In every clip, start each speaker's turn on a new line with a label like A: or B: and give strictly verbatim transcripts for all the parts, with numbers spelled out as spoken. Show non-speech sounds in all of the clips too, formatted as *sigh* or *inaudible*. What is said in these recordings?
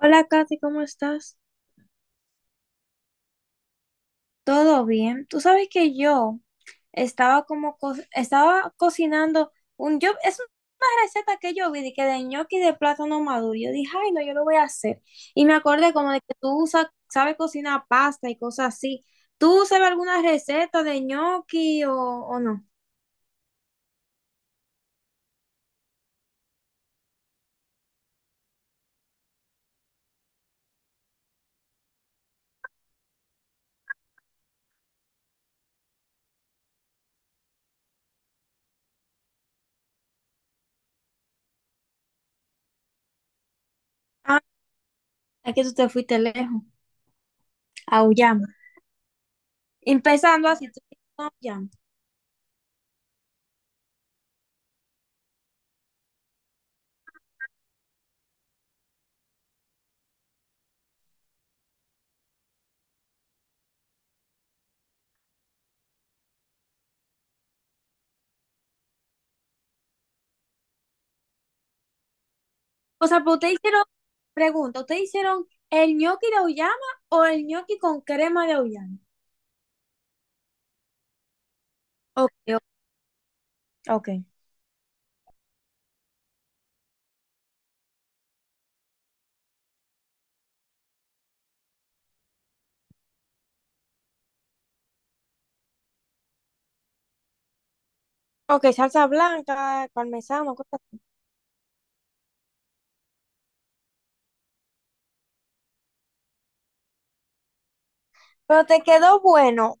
A: Hola Katy, ¿cómo estás? ¿Todo bien? Tú sabes que yo estaba como co- estaba cocinando un yo es una receta que yo vi de que de ñoqui de plátano maduro. Yo dije, "Ay, no, yo lo voy a hacer." Y me acordé como de que tú usas- sabes cocinar pasta y cosas así. ¿Tú sabes alguna receta de ñoqui o, o no? Ah, es que tú te fuiste lejos, a Uyama. Empezando así, tú fuiste a Uyama. O sea, pero ustedes hicieron, pregunta, ¿ustedes hicieron el ñoqui de auyama o el ñoqui con crema de auyama? Ok, o- ok. Ok, salsa blanca, parmesano, cosas así. Pero te quedó bueno.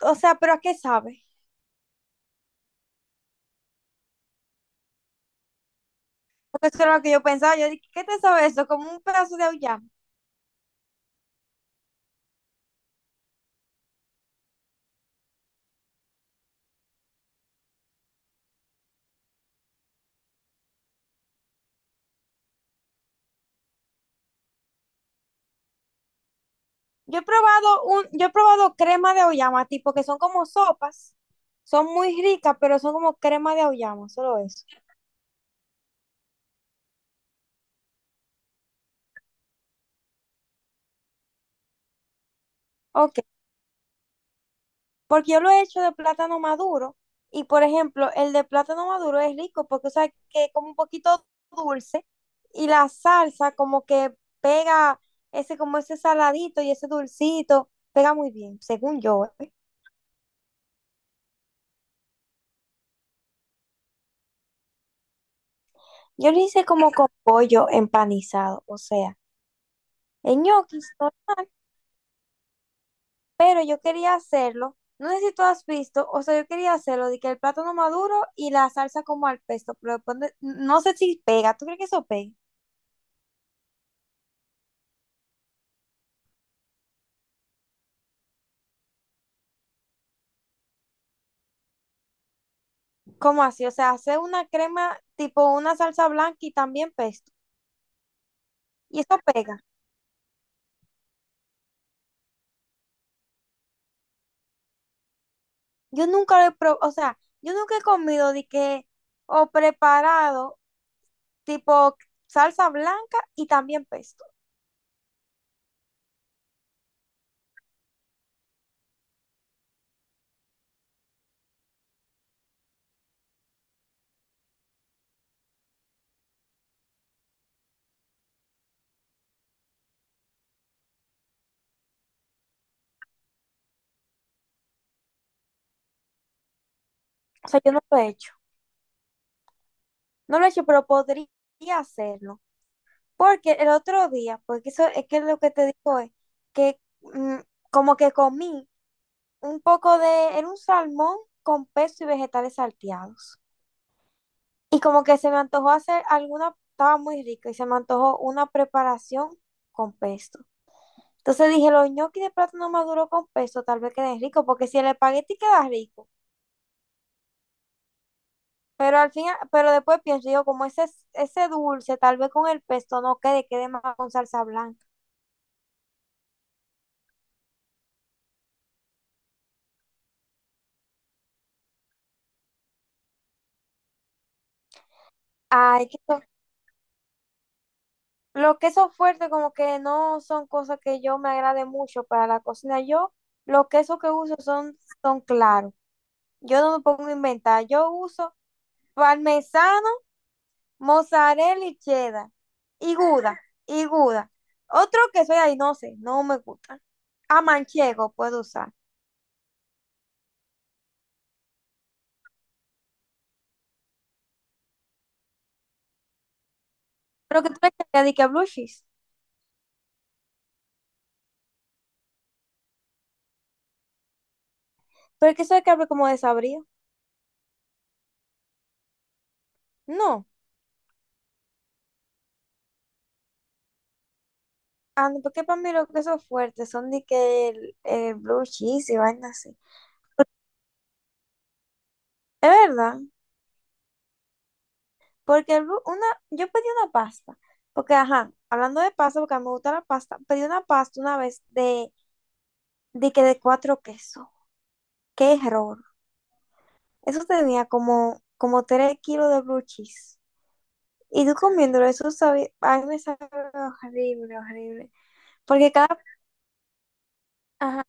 A: O sea, ¿pero a qué sabe? Porque eso era lo que yo pensaba. Yo dije, ¿qué te sabe eso? Como un pedazo de auyama. Yo he probado un, yo he probado crema de auyama, tipo que son como sopas. Son muy ricas, pero son como crema de auyama, solo eso. Ok. Porque yo lo he hecho de plátano maduro. Y por ejemplo, el de plátano maduro es rico porque, o sea, que es como un poquito dulce y la salsa como que pega ese, como ese saladito y ese dulcito, pega muy bien, según yo. ¿Eh? Yo lo hice como con pollo empanizado, o sea, en ñoquis normal, pero yo quería hacerlo. No sé si tú has visto, o sea, yo quería hacerlo de que el plátano maduro y la salsa como al pesto, pero después de- no sé si pega. ¿Tú crees que eso pega? ¿Cómo así? O sea, hacer una crema tipo una salsa blanca y también pesto. Y eso pega. Yo nunca lo he probado, o sea, yo nunca he comido de que, o preparado tipo salsa blanca y también pesto. O sea, yo no lo he hecho. No lo he hecho, pero podría hacerlo. Porque el otro día, porque eso es que lo que te digo es que mm, como que comí un poco de, era un salmón con pesto y vegetales salteados. Y como que se me antojó hacer alguna, estaba muy rico y se me antojó una preparación con pesto. Entonces dije, los ñoquis de plátano no maduro con pesto tal vez queden ricos, porque si el espagueti queda rico, pero al final, pero después pienso yo, como ese, ese dulce, tal vez con el pesto no quede, quede más con salsa blanca. Ay, qué. Los quesos fuertes como que no son cosas que yo me agrade mucho para la cocina. Yo los quesos que uso son, son claros. Yo no me pongo a inventar. Yo uso parmesano, mozzarella y cheddar. Y gouda, y gouda. Otro queso ahí, no sé, no me gusta. A manchego puedo usar. Pero que tú me digas de que blue cheese. Pero el queso de cabra como desabrido. No. Ah, no, porque para mí los quesos fuertes son de que el, el blue cheese y vaina así. Es verdad. Porque el bu- una, yo pedí una pasta, porque ajá, hablando de pasta, porque a mí me gusta la pasta, pedí una pasta una vez de, de que de cuatro quesos. Qué error. Eso tenía como, como tres kilos de blue cheese. Y tú comiéndolo, eso sabía, a mí me sabe horrible, horrible. Porque cada, ajá,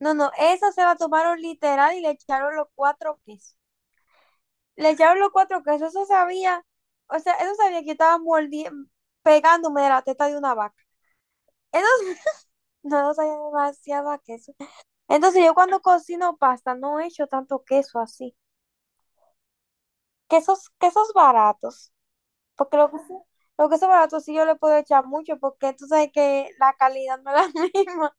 A: no, no, eso se la tomaron literal y le echaron los cuatro quesos. Le echaron los cuatro quesos, eso sabía, o sea, eso sabía que yo estaba mordiendo, pegándome de la teta de una vaca. Eso, no soy demasiado queso. Entonces yo cuando cocino pasta no he hecho tanto queso así. Quesos, quesos baratos. Porque lo que lo que son baratos sí yo le puedo echar mucho porque tú sabes que la calidad no es la *laughs* misma.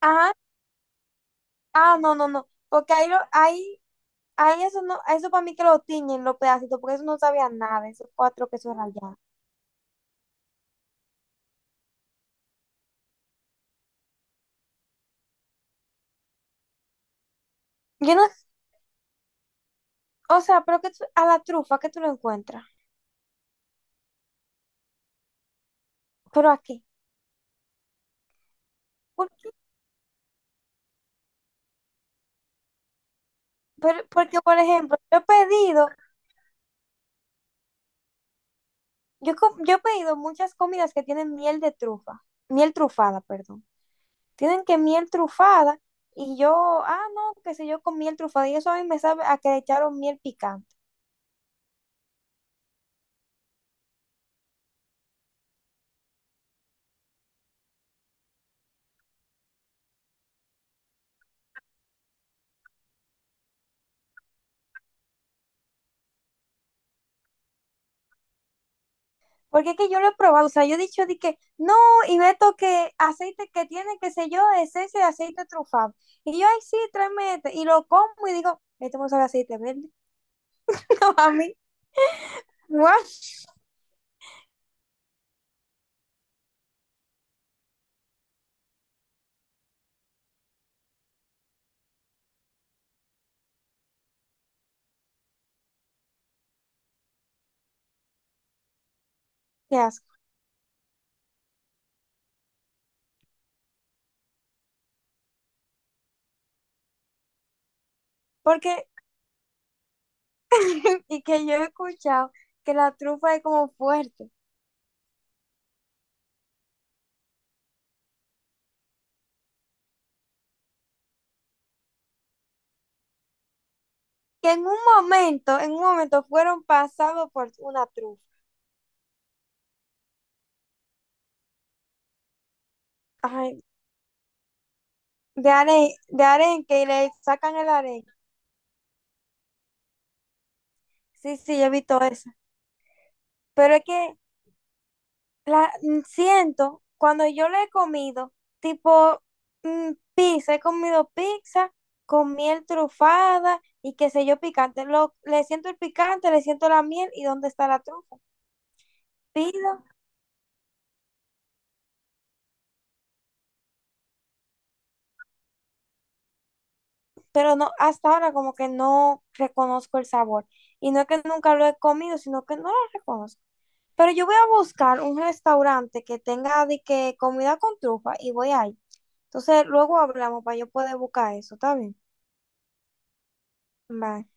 A: Ajá. Ah, no, no, no. Porque ahí, lo, ahí, ahí eso no, eso para mí que lo tiñen los pedacitos, porque eso no sabía nada, esos cuatro quesos rallados. Yo no, o sea, pero que tú- a la trufa que tú lo encuentras. Pero aquí. ¿Por qué? Pero porque, por ejemplo, yo he pedido. Yo, com- yo he pedido muchas comidas que tienen miel de trufa, miel trufada, perdón. Tienen que miel trufada y yo, ah, no, qué sé yo, con miel trufada y eso a mí me sabe a que le echaron miel picante. Porque es que yo lo he probado, o sea, yo he dicho de que no, y meto que aceite que tiene, qué sé yo, esencia de aceite trufado. Y yo, ay, sí, tráeme este. Y lo como y digo, esto me sabe a aceite verde. *laughs* No, a mí, guau, qué asco. Porque, *laughs* y que yo he escuchado que la trufa es como fuerte. Que en un momento, en un momento fueron pasados por una trufa. Ay, de aren, de aren, que le sacan el aren. Sí, sí, yo he visto eso. Pero es que la mm, siento, cuando yo le he comido, tipo mm, pizza, he comido pizza con miel trufada y qué sé yo, picante. Lo, le siento el picante, le siento la miel y dónde está la trufa. Pido, pero no, hasta ahora como que no reconozco el sabor. Y no es que nunca lo he comido, sino que no lo reconozco. Pero yo voy a buscar un restaurante que tenga de que comida con trufa y voy ahí. Entonces, luego hablamos para yo poder buscar eso, ¿está bien? Bye.